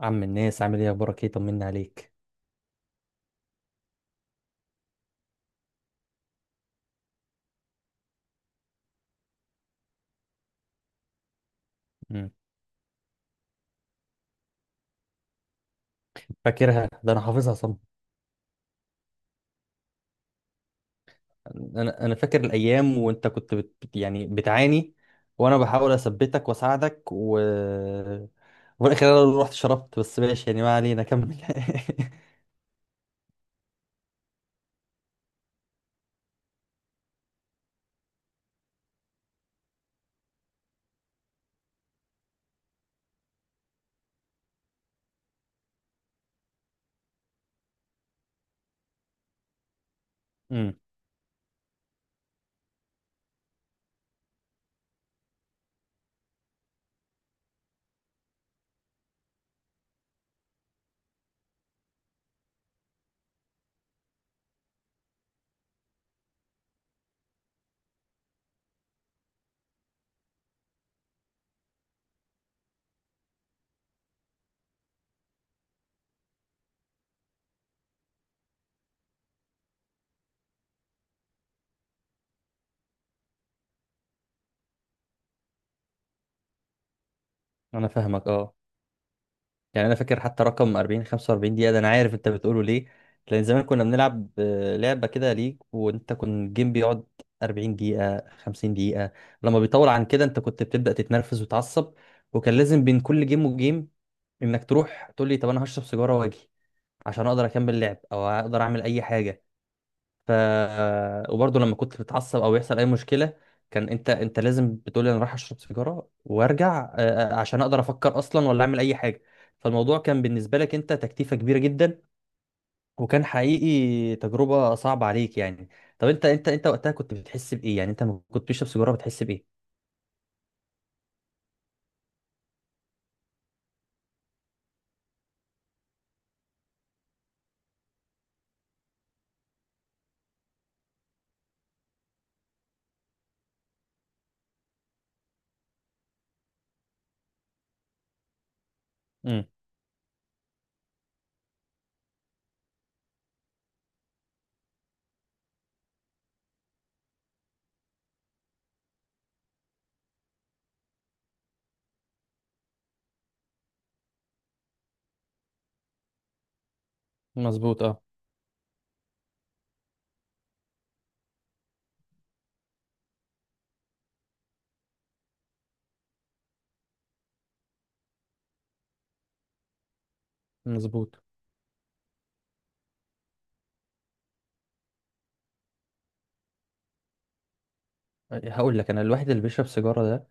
عم الناس عامل ايه؟ اخبارك ايه؟ طمني عليك. مم. فاكرها ده، انا حافظها صم. انا فاكر الايام وانت كنت يعني بتعاني، وانا بحاول اثبتك واساعدك و وفي الاخر انا اللي رحت شربت. بس ماشي يعني، ما علينا، كمل مم. انا فاهمك، اه. يعني انا فاكر حتى رقم 40 45 دقيقه، ده انا عارف انت بتقوله ليه. لان زمان كنا بنلعب لعبه كده ليج، وانت كنت الجيم بيقعد 40 دقيقه 50 دقيقه، لما بيطول عن كده انت كنت بتبدا تتنرفز وتعصب. وكان لازم بين كل جيم وجيم انك تروح تقول لي، طب انا هشرب سيجاره واجي عشان اقدر اكمل لعب او اقدر اعمل اي حاجه. ف وبرضه لما كنت بتعصب او يحصل اي مشكله، كان انت لازم بتقولي انا رايح اشرب سيجاره وارجع، عشان اقدر افكر اصلا ولا اعمل اي حاجه. فالموضوع كان بالنسبه لك انت تكتيفه كبيره جدا، وكان حقيقي تجربه صعبه عليك يعني. طب انت وقتها كنت بتحس بايه؟ يعني انت لما كنت بتشرب سيجاره بتحس بايه؟ امم. مظبوط، اه. مظبوط. هقول لك، انا الواحد اللي بيشرب سيجاره ده،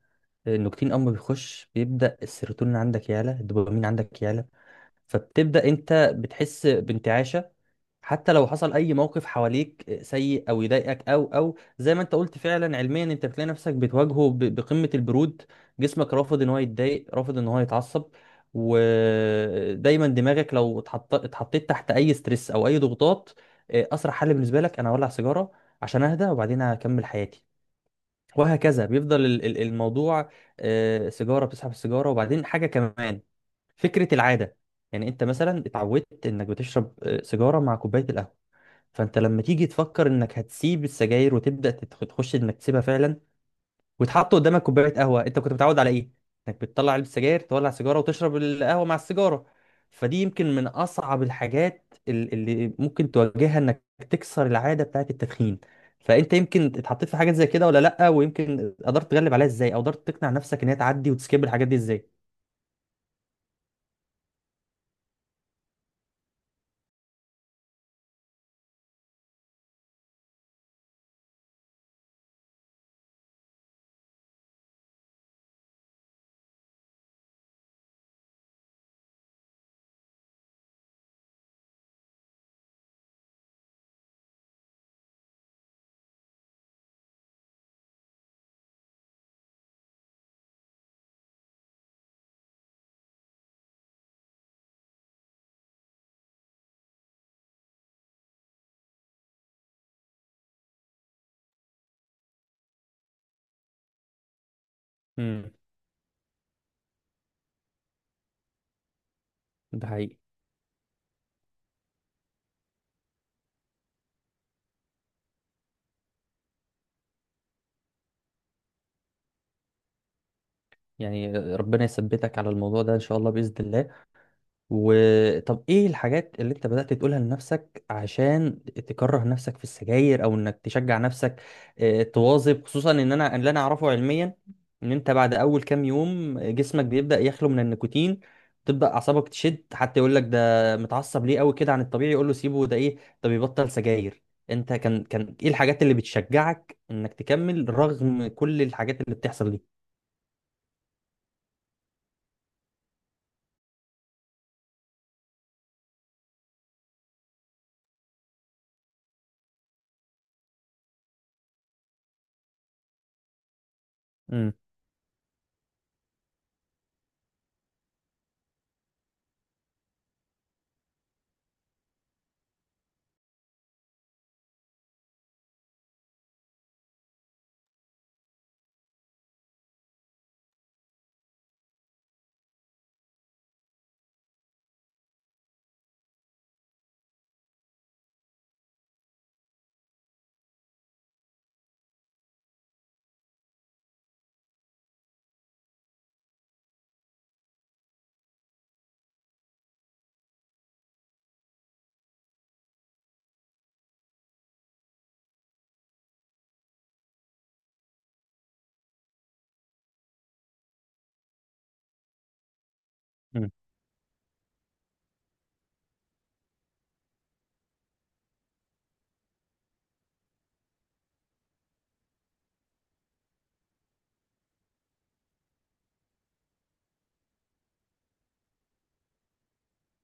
النيكوتين اما بيخش بيبدا السيروتونين عندك يعلى، الدوبامين عندك يعلى، فبتبدا انت بتحس بانتعاش. حتى لو حصل اي موقف حواليك سيء او يضايقك او زي ما انت قلت، فعلا علميا انت بتلاقي نفسك بتواجهه بقمة البرود. جسمك رافض ان هو يتضايق، رافض ان هو يتعصب. ودايما دماغك لو اتحطيت تحت اي ستريس او اي ضغوطات، اسرع حل بالنسبة لك انا اولع سيجارة عشان اهدى، وبعدين هكمل حياتي. وهكذا بيفضل الموضوع. سيجارة بتسحب السيجارة، وبعدين حاجة كمان، فكرة العادة. يعني انت مثلا اتعودت انك بتشرب سيجارة مع كوباية القهوة. فانت لما تيجي تفكر انك هتسيب السجاير وتبدا تخش انك تسيبها فعلا، وتحط قدامك كوبايه قهوه، انت كنت متعود على ايه؟ انك بتطلع علبه سجاير، تولع سيجاره وتشرب القهوه مع السيجاره. فدي يمكن من اصعب الحاجات اللي ممكن تواجهها، انك تكسر العاده بتاعه التدخين. فانت يمكن اتحطيت في حاجات زي كده ولا لا؟ ويمكن قدرت تغلب عليها ازاي، او قدرت تقنع نفسك ان هي تعدي وتسكيب الحاجات دي ازاي؟ امم. ده حقيقي. يعني ربنا يثبتك على الموضوع ده ان شاء الله، باذن الله. وطب ايه الحاجات اللي انت بدأت تقولها لنفسك عشان تكره نفسك في السجاير، او انك تشجع نفسك تواظب؟ خصوصا ان انا اللي انا اعرفه علميا، ان انت بعد اول كام يوم جسمك بيبدأ يخلو من النيكوتين، تبدأ اعصابك تشد، حتى يقول لك ده متعصب ليه قوي كده عن الطبيعي، يقول له سيبه ده ايه، ده بيبطل سجاير. انت كان ايه الحاجات اللي بتشجعك انك تكمل رغم كل الحاجات اللي بتحصل دي؟ امم.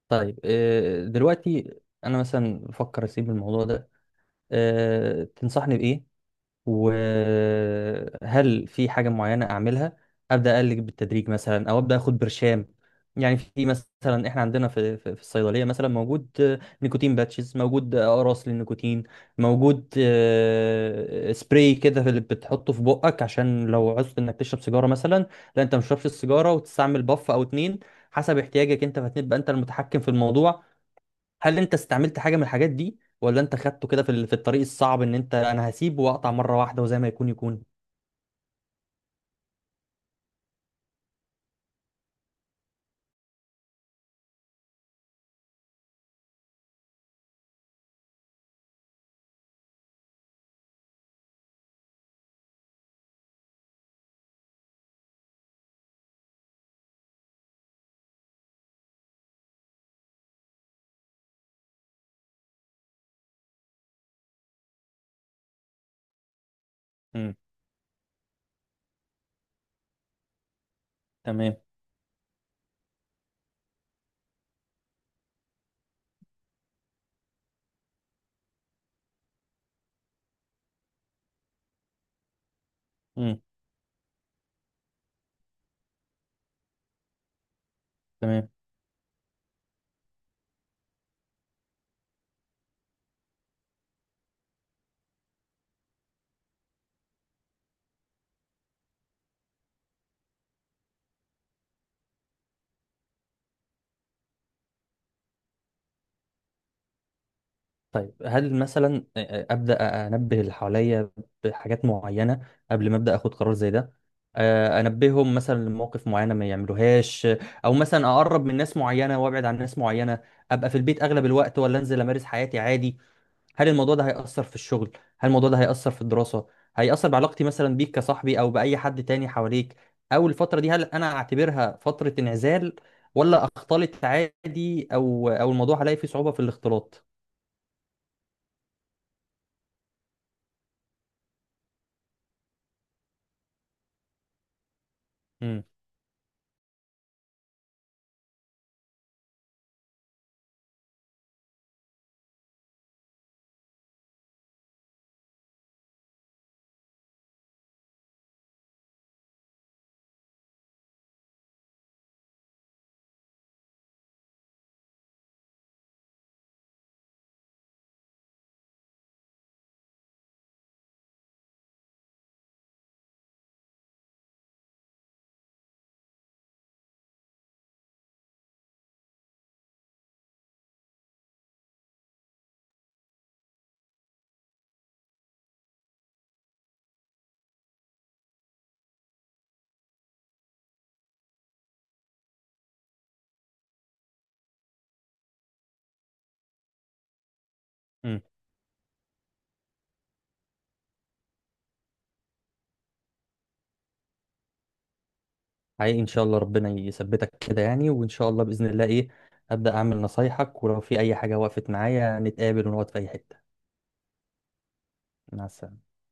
طيب دلوقتي انا مثلا بفكر اسيب الموضوع ده، تنصحني بإيه؟ وهل في حاجة معينة أعملها؟ أبدأ أقلل بالتدريج مثلا، أو أبدأ أخد برشام؟ يعني في مثلا، إحنا عندنا في الصيدلية مثلا موجود نيكوتين باتشز، موجود أقراص للنيكوتين، موجود سبراي كده في، اللي بتحطه في بقك عشان لو عوزت إنك تشرب سيجارة مثلا، لا أنت مش تشربش السيجارة، وتستعمل باف أو اتنين حسب احتياجك أنت، فهتبقى أنت المتحكم في الموضوع. هل انت استعملت حاجه من الحاجات دي، ولا انت خدته كده في في الطريق الصعب، ان انت انا هسيب واقطع مره واحده وزي ما يكون يكون؟ امم. تمام. امم. تمام. طيب هل مثلا ابدا انبه اللي حواليا بحاجات معينه قبل ما ابدا اخد قرار زي ده؟ انبههم مثلا لمواقف معينه ما يعملوهاش، او مثلا اقرب من ناس معينه وابعد عن ناس معينه؟ ابقى في البيت اغلب الوقت، ولا انزل امارس حياتي عادي؟ هل الموضوع ده هيأثر في الشغل؟ هل الموضوع ده هيأثر في الدراسة؟ هيأثر بعلاقتي مثلا بيك كصاحبي، او بأي حد تاني حواليك؟ او الفترة دي هل انا اعتبرها فترة انعزال، ولا اختلط عادي، او الموضوع هلاقي فيه صعوبة في الاختلاط؟ امم. امم. حقيقي ان شاء الله، ربنا يثبتك كده يعني، وان شاء الله بإذن الله، ايه، أبدأ اعمل نصايحك، ولو في اي حاجة وقفت معايا نتقابل ونقعد في اي حتة. مع السلامة.